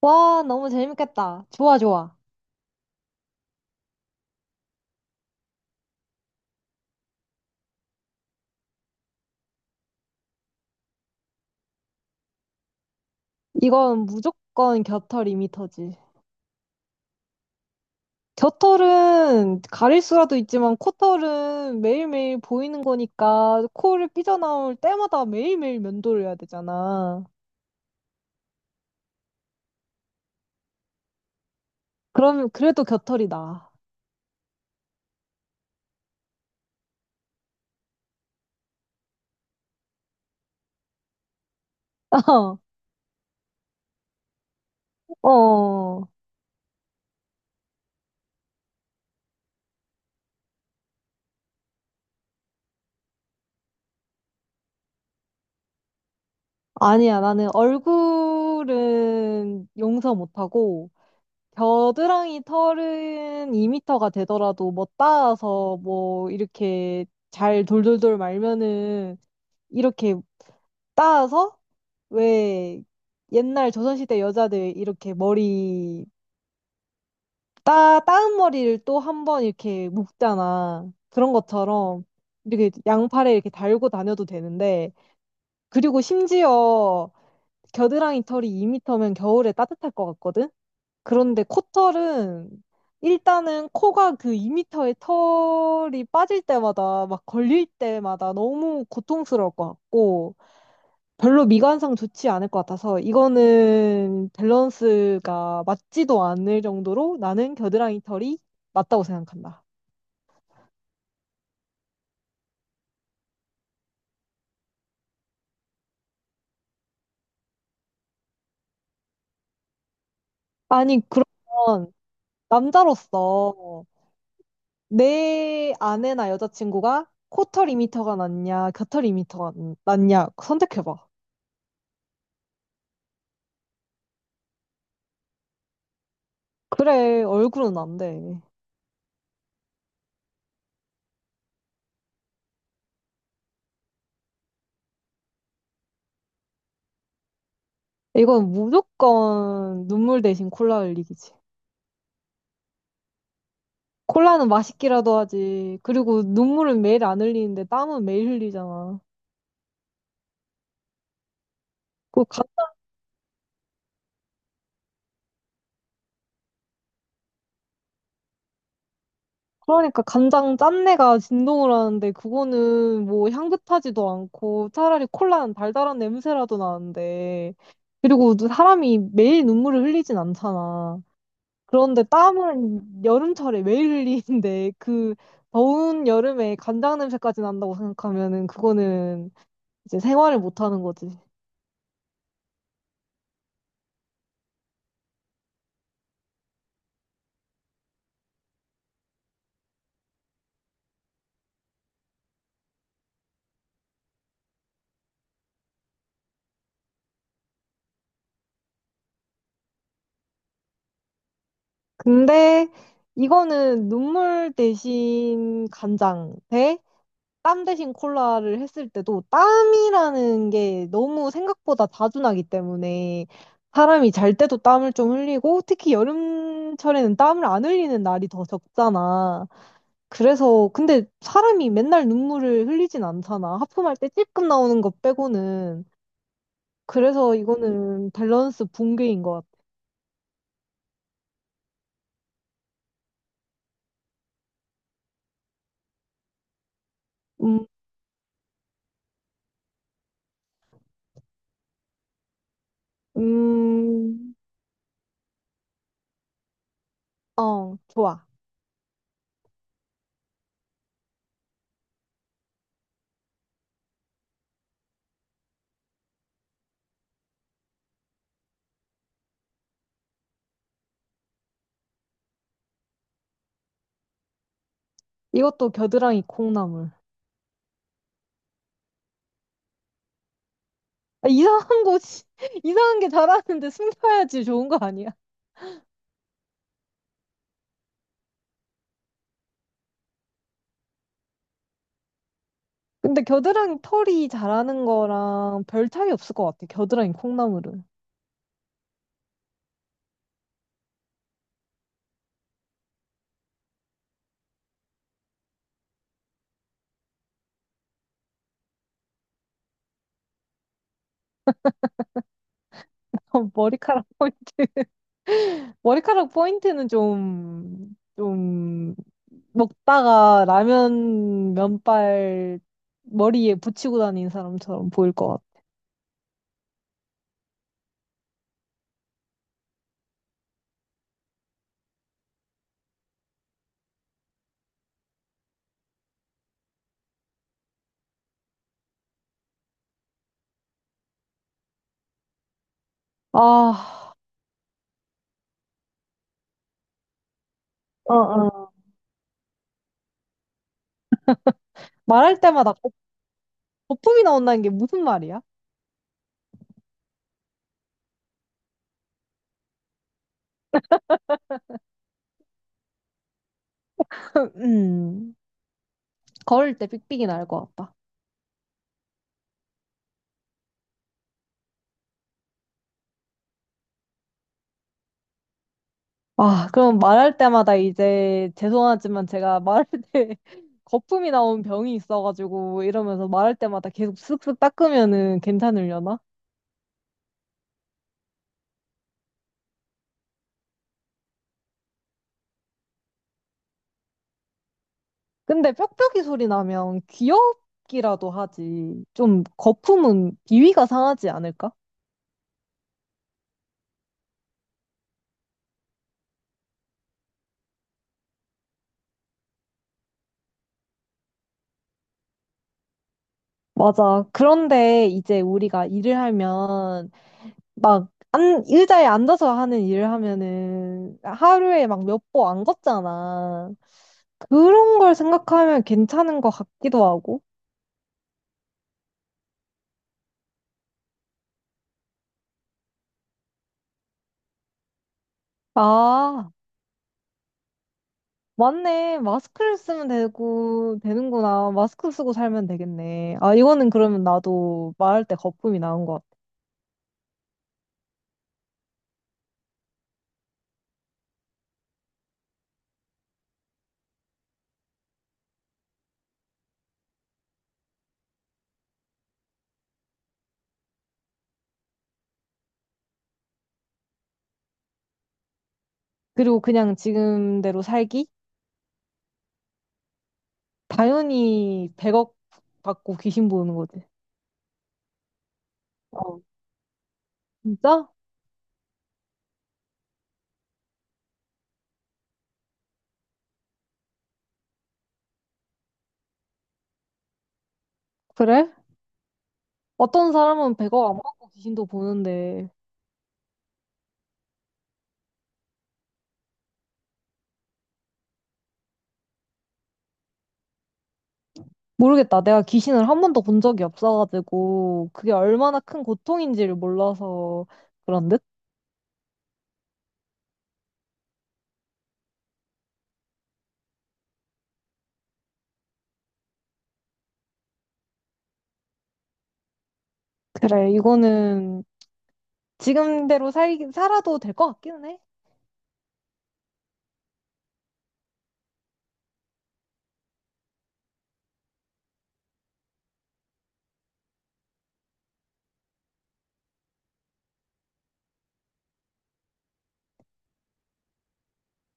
와, 너무 재밌겠다. 좋아, 좋아. 이건 무조건 겨털 2미터지. 겨털은 가릴 수라도 있지만 코털은 매일매일 보이는 거니까 코를 삐져나올 때마다 매일매일 면도를 해야 되잖아. 그럼 그래도 겨털이 나. 어, 아니야. 나는 얼굴은 용서 못하고, 겨드랑이 털은 2미터가 되더라도 뭐 따서 뭐 이렇게 잘 돌돌돌 말면은 이렇게 따서 왜 옛날 조선시대 여자들 이렇게 머리 따 따은 머리를 또 한번 이렇게 묶잖아. 그런 것처럼 이렇게 양팔에 이렇게 달고 다녀도 되는데 그리고 심지어 겨드랑이 털이 2미터면 겨울에 따뜻할 것 같거든. 그런데 코털은 일단은 코가 그 2미터의 털이 빠질 때마다 막 걸릴 때마다 너무 고통스러울 것 같고 별로 미관상 좋지 않을 것 같아서 이거는 밸런스가 맞지도 않을 정도로 나는 겨드랑이 털이 맞다고 생각한다. 아니, 그러면 남자로서 내 아내나 여자친구가 코털 2미터가 낫냐, 겨털 2미터가 낫냐 선택해봐. 그래, 얼굴은 안 돼. 이건 무조건 눈물 대신 콜라 흘리기지. 콜라는 맛있기라도 하지. 그리고 눈물은 매일 안 흘리는데 땀은 매일 흘리잖아. 그 그러니까 간장 짠내가 진동을 하는데 그거는 뭐 향긋하지도 않고 차라리 콜라는 달달한 냄새라도 나는데 그리고 또 사람이 매일 눈물을 흘리진 않잖아. 그런데 땀은 여름철에 매일 흘리는데 그 더운 여름에 간장 냄새까지 난다고 생각하면은 그거는 이제 생활을 못 하는 거지. 근데 이거는 눈물 대신 간장 대 땀 대신 콜라를 했을 때도 땀이라는 게 너무 생각보다 자주 나기 때문에 사람이 잘 때도 땀을 좀 흘리고 특히 여름철에는 땀을 안 흘리는 날이 더 적잖아. 그래서 근데 사람이 맨날 눈물을 흘리진 않잖아. 하품할 때 찔끔 나오는 것 빼고는. 그래서 이거는 밸런스 붕괴인 것 같아. 음, 음, 어, 좋아. 이것도 겨드랑이 콩나물. 아, 이상한 곳이, 이상한 게 잘하는데 숨겨야지 좋은 거 아니야? 근데 겨드랑이 털이 자라는 거랑 별 차이 없을 것 같아. 겨드랑이 콩나물은. 머리카락, 포인- 머리카락 포인트는 좀, 좀, 먹다가 라면 면발 머리에 붙이고 다니는 사람처럼 보일 것 같아. 아, 어, 어. 말할 때마다 거- 거품이 나온다는 게 무슨 말이야? 음, 걸을 때 삑삑이 날 것 같아. 아, 그럼 말할 때마다 이제 죄송하지만 제가 말할 때 거품이 나온 병이 있어가지고 이러면서 말할 때마다 계속 쓱쓱 닦으면은 괜찮으려나? 근데 뿅뿅이 소리 나면 귀엽기라도 하지. 좀 거품은 비위가 상하지 않을까? 맞아. 그런데 이제 우리가 일을 하면 막 안, 의자에 앉아서 하는 일을 하면은 하루에 막 몇 보 안 걷잖아. 그런 걸 생각하면 괜찮은 것 같기도 하고. 아, 맞네. 마스크를 쓰면 되고, 되는구나. 마스크 쓰고 살면 되겠네. 아, 이거는 그러면 나도 말할 때 거품이 나온 것 같아. 그리고 그냥 지금대로 살기? 당연히 100억 받고 귀신 보는 거지. 어. 진짜? 그래? 어떤 사람은 100억 안 받고 귀신도 보는데, 모르겠다. 내가 귀신을 한 번도 본 적이 없어가지고, 그게 얼마나 큰 고통인지를 몰라서 그런 듯? 그래, 이거는 지금대로 살, 살아도 될 것 같기는 해.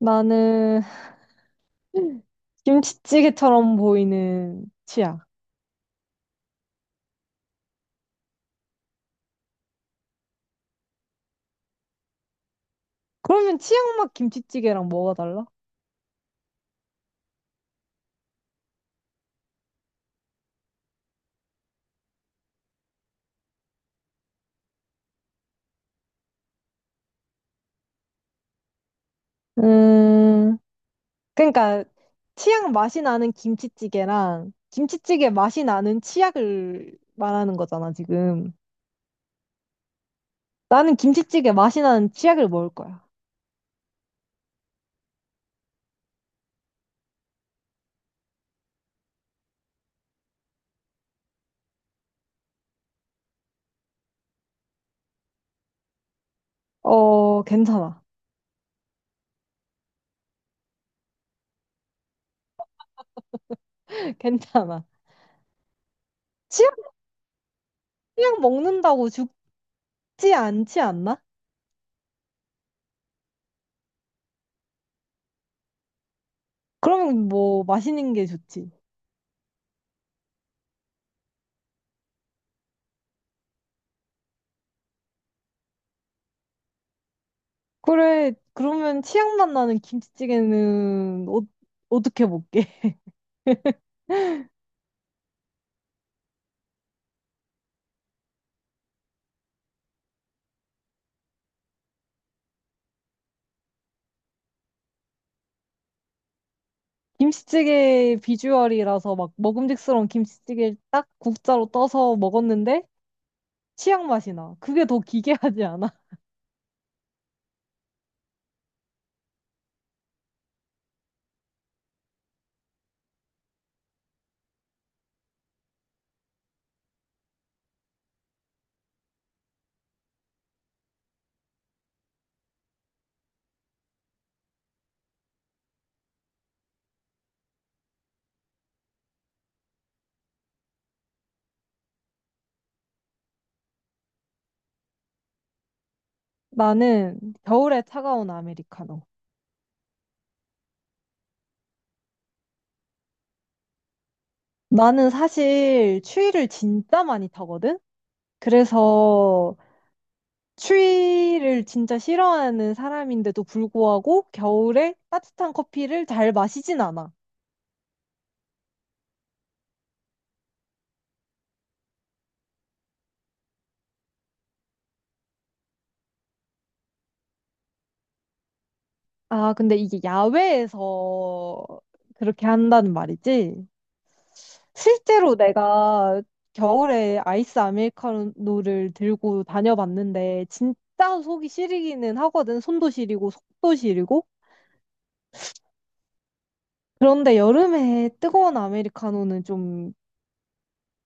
나는 김치찌개처럼 보이는 치약. 그러면 치약 맛 김치찌개랑 뭐가 달라? 음, 그러니까 치약 맛이 나는 김치찌개랑 김치찌개 맛이 나는 치약을 말하는 거잖아, 지금. 나는 김치찌개 맛이 나는 치약을 먹을 거야. 어, 괜찮아. 괜찮아. 치약, 치약 먹는다고 죽지 않지 않나? 그러면 뭐 맛있는 게 좋지. 그래, 그러면 치약맛 나는 김치찌개는 어, 어떻게 먹게? 김치찌개 비주얼이라서 막 먹음직스러운 김치찌개를 딱 국자로 떠서 먹었는데 치약 맛이 나. 그게 더 기괴하지 않아? 나는 겨울에 차가운 아메리카노. 나는 사실 추위를 진짜 많이 타거든? 그래서 추위를 진짜 싫어하는 사람인데도 불구하고 겨울에 따뜻한 커피를 잘 마시진 않아. 아, 근데 이게 야외에서 그렇게 한다는 말이지? 실제로 내가 겨울에 아이스 아메리카노를 들고 다녀봤는데, 진짜 속이 시리기는 하거든. 손도 시리고, 속도 시리고. 그런데 여름에 뜨거운 아메리카노는 좀,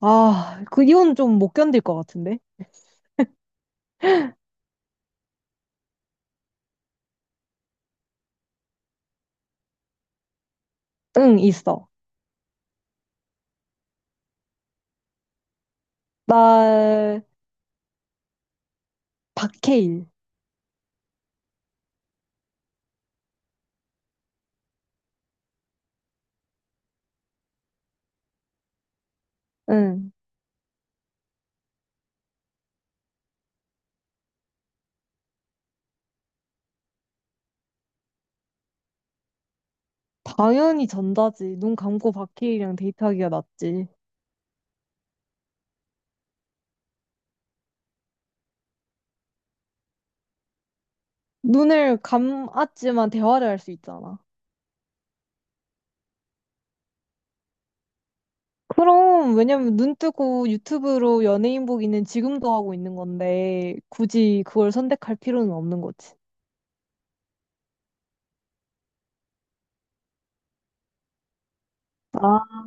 아, 그 이건 좀 못 견딜 것 같은데? 응, 있어. 나, 박해일. 응. 당연히 전자지. 눈 감고 박해일이랑 데이트하기가 낫지. 눈을 감았지만 대화를 할 수 있잖아. 그럼, 왜냐면 눈 뜨고 유튜브로 연예인 보기는 지금도 하고 있는 건데, 굳이 그걸 선택할 필요는 없는 거지. 아,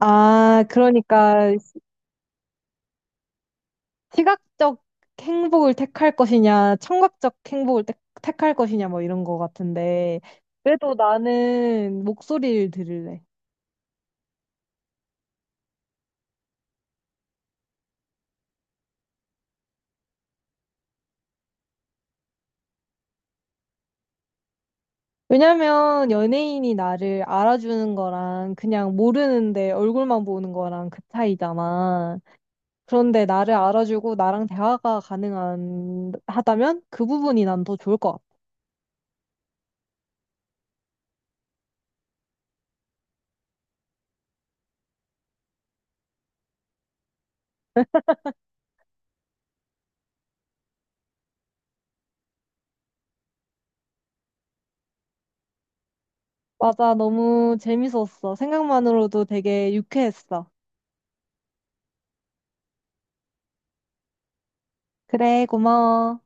아, 그러니까 시각적 행복을 택할 것이냐, 청각적 행복을 택할 것이냐, 뭐 이런 거 같은데, 그래도 나는 목소리를 들을래. 왜냐면 연예인이 나를 알아주는 거랑 그냥 모르는데 얼굴만 보는 거랑 그 차이잖아. 그런데 나를 알아주고 나랑 대화가 가능한, 하다면 그 부분이 난 더 좋을 것 같아. 맞아, 너무 재밌었어. 생각만으로도 되게 유쾌했어. 그래, 고마워.